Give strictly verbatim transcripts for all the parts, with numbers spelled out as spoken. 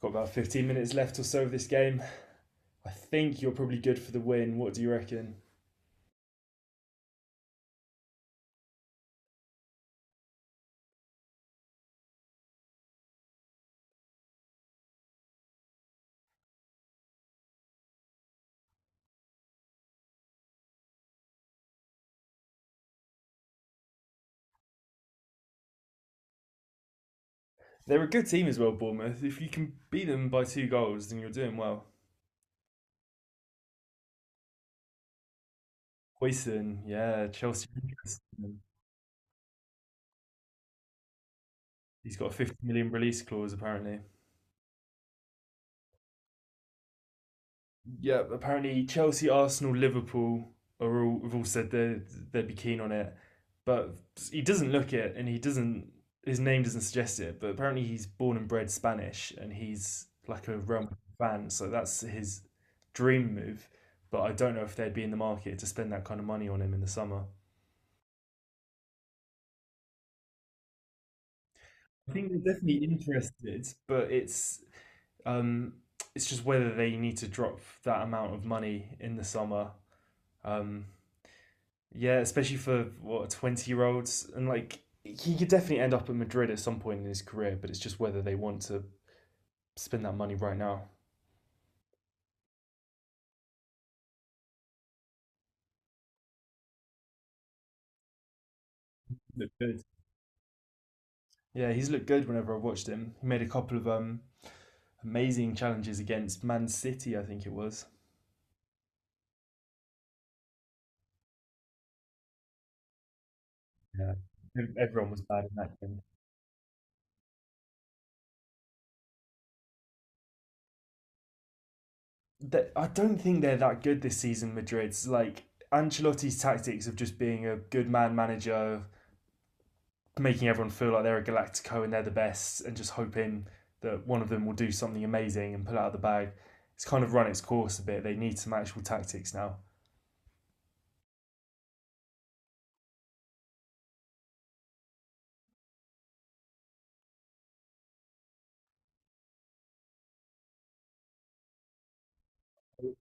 Got about fifteen minutes left or so of this game. I think you're probably good for the win. What do you reckon? They're a good team as well, Bournemouth. If you can beat them by two goals, then you're doing well. Hoyson, yeah, Chelsea. He's got a fifty million release clause apparently. Yeah, apparently Chelsea, Arsenal, Liverpool are all have all said they they'd be keen on it, but he doesn't look it, and he doesn't. His name doesn't suggest it, but apparently he's born and bred Spanish, and he's like a Real Madrid fan, so that's his dream move. But I don't know if they'd be in the market to spend that kind of money on him in the summer. I think they're definitely interested, but it's um, it's just whether they need to drop that amount of money in the summer. um, Yeah, especially for what, twenty year olds, and like he could definitely end up at Madrid at some point in his career, but it's just whether they want to spend that money right now. Look good. Yeah, he's looked good whenever I've watched him. He made a couple of um amazing challenges against Man City, I think it was. Yeah. Everyone was bad in that game. That, I don't think they're that good this season. Madrid's like Ancelotti's tactics of just being a good man manager, making everyone feel like they're a Galactico and they're the best, and just hoping that one of them will do something amazing and pull out of the bag. It's kind of run its course a bit. They need some actual tactics now.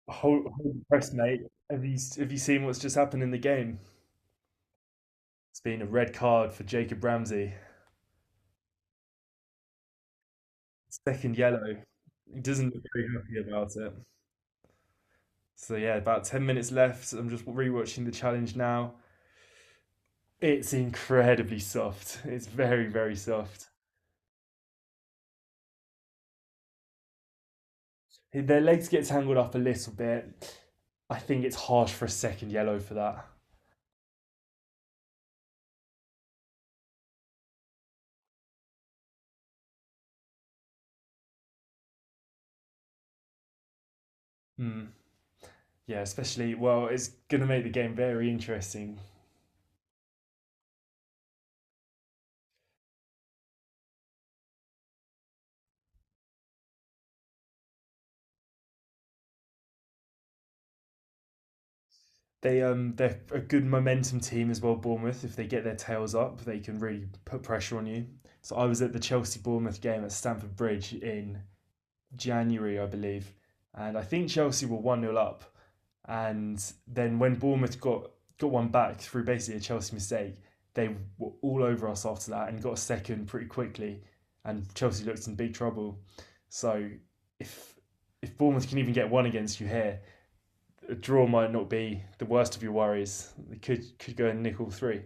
Hold, hold the press, mate. Have you have you seen what's just happened in the game? It's been a red card for Jacob Ramsey. Second yellow. He doesn't look very happy about it. So yeah, about ten minutes left. I'm just rewatching the challenge now. It's incredibly soft. It's very very soft. Their legs get tangled up a little bit. I think it's harsh for a second yellow for that. Mm. Yeah, especially, well, it's gonna make the game very interesting. They um they're a good momentum team as well, Bournemouth. If they get their tails up, they can really put pressure on you. So I was at the Chelsea Bournemouth game at Stamford Bridge in January, I believe, and I think Chelsea were one nil up. And then when Bournemouth got got one back through basically a Chelsea mistake, they were all over us after that and got a second pretty quickly. And Chelsea looked in big trouble. So if if Bournemouth can even get one against you here, a draw might not be the worst of your worries. They could could go and nick all three.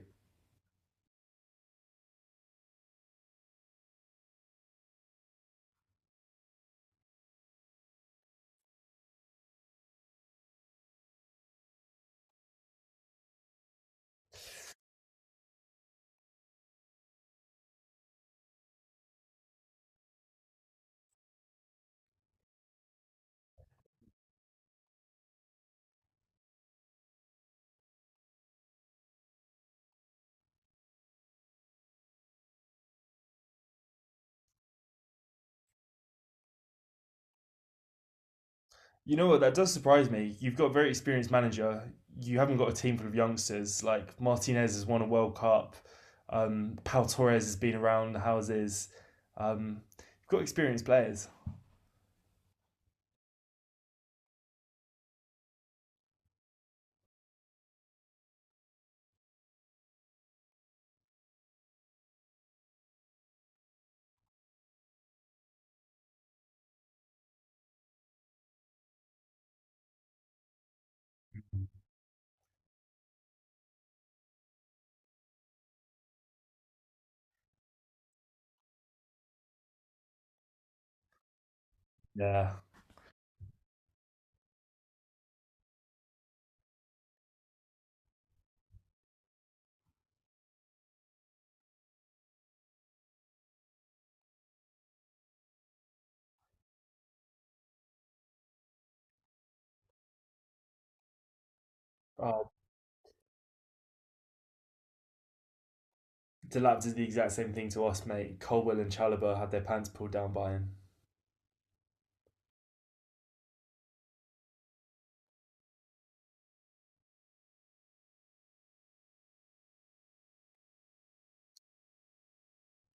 You know what? That does surprise me. You've got a very experienced manager. You haven't got a team full of youngsters. Like Martinez has won a World Cup. Um, Pal Torres has been around the houses. Um, you've got experienced players. Yeah. Oh, Delap did the exact same thing to us, mate. Colwell and Chalobah had their pants pulled down by him.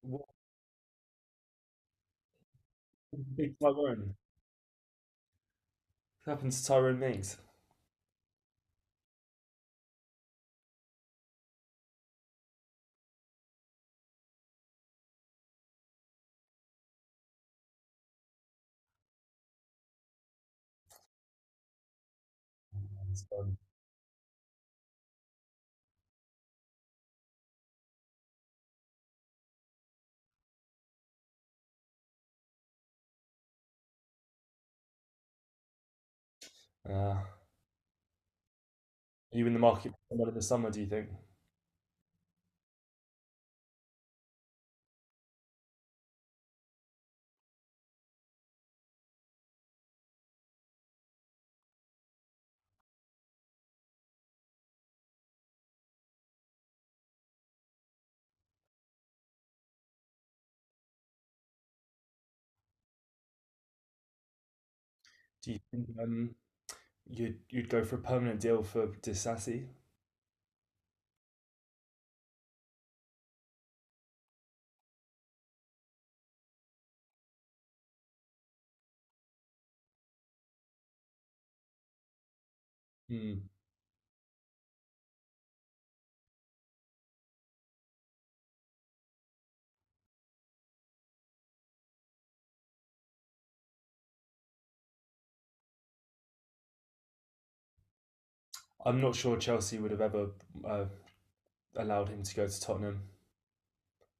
What happened to Big Tyrone? What happened to Tyrone Mings? It's gone. Uh, are you in the market for someone in the summer, do you think? Do you think um, you'd, you'd go for a permanent deal for Disassi? Hmm. I'm not sure Chelsea would have ever uh, allowed him to go to Tottenham.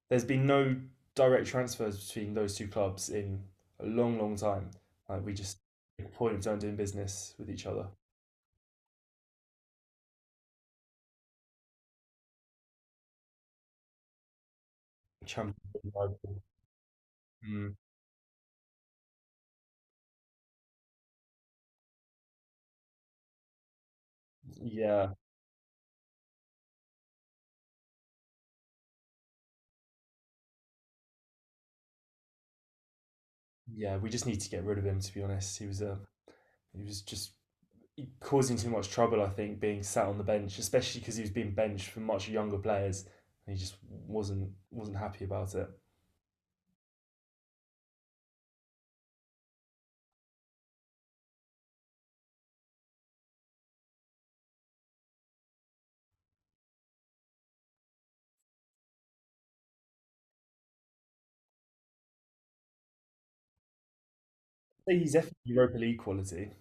There's been no direct transfers between those two clubs in a long, long time. Like we just make a point of don't doing business with each other. Champions League rival. Mm, yeah, yeah. We just need to get rid of him. To be honest, he was um, he was just causing too much trouble. I think being sat on the bench, especially because he was being benched for much younger players, and he just wasn't wasn't happy about it. He's definitely Europa League quality.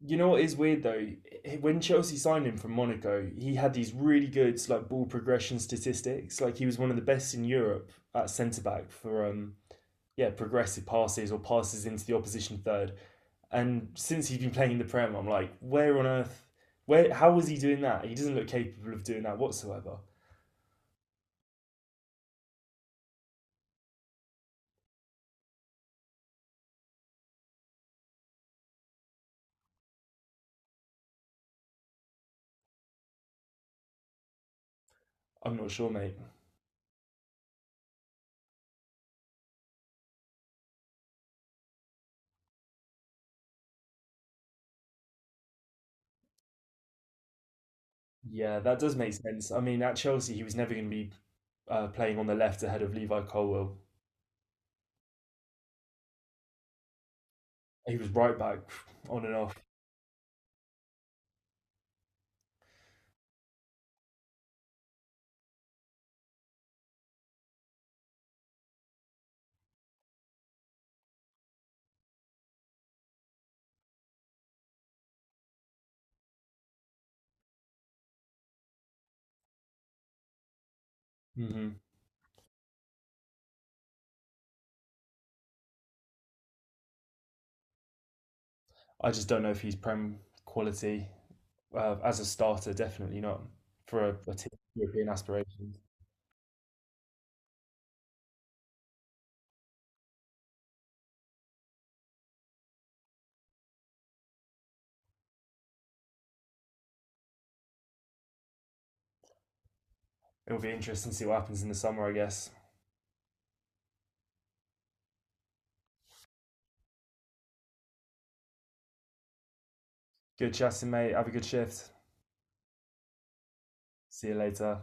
You know what is weird though? When Chelsea signed him from Monaco, he had these really good like ball progression statistics. Like he was one of the best in Europe at centre back for um yeah progressive passes or passes into the opposition third. And since he's been playing in the Prem, I'm like, where on earth? Where? How was he doing that? He doesn't look capable of doing that whatsoever. I'm not sure, mate. Yeah, that does make sense. I mean, at Chelsea, he was never going to be uh, playing on the left ahead of Levi Colwell. He was right back on and off. hmm I just don't know if he's prem quality uh, as a starter. Definitely not for a, a team with European aspirations. It'll be interesting to see what happens in the summer, I guess. Good chatting, mate. Have a good shift. See you later.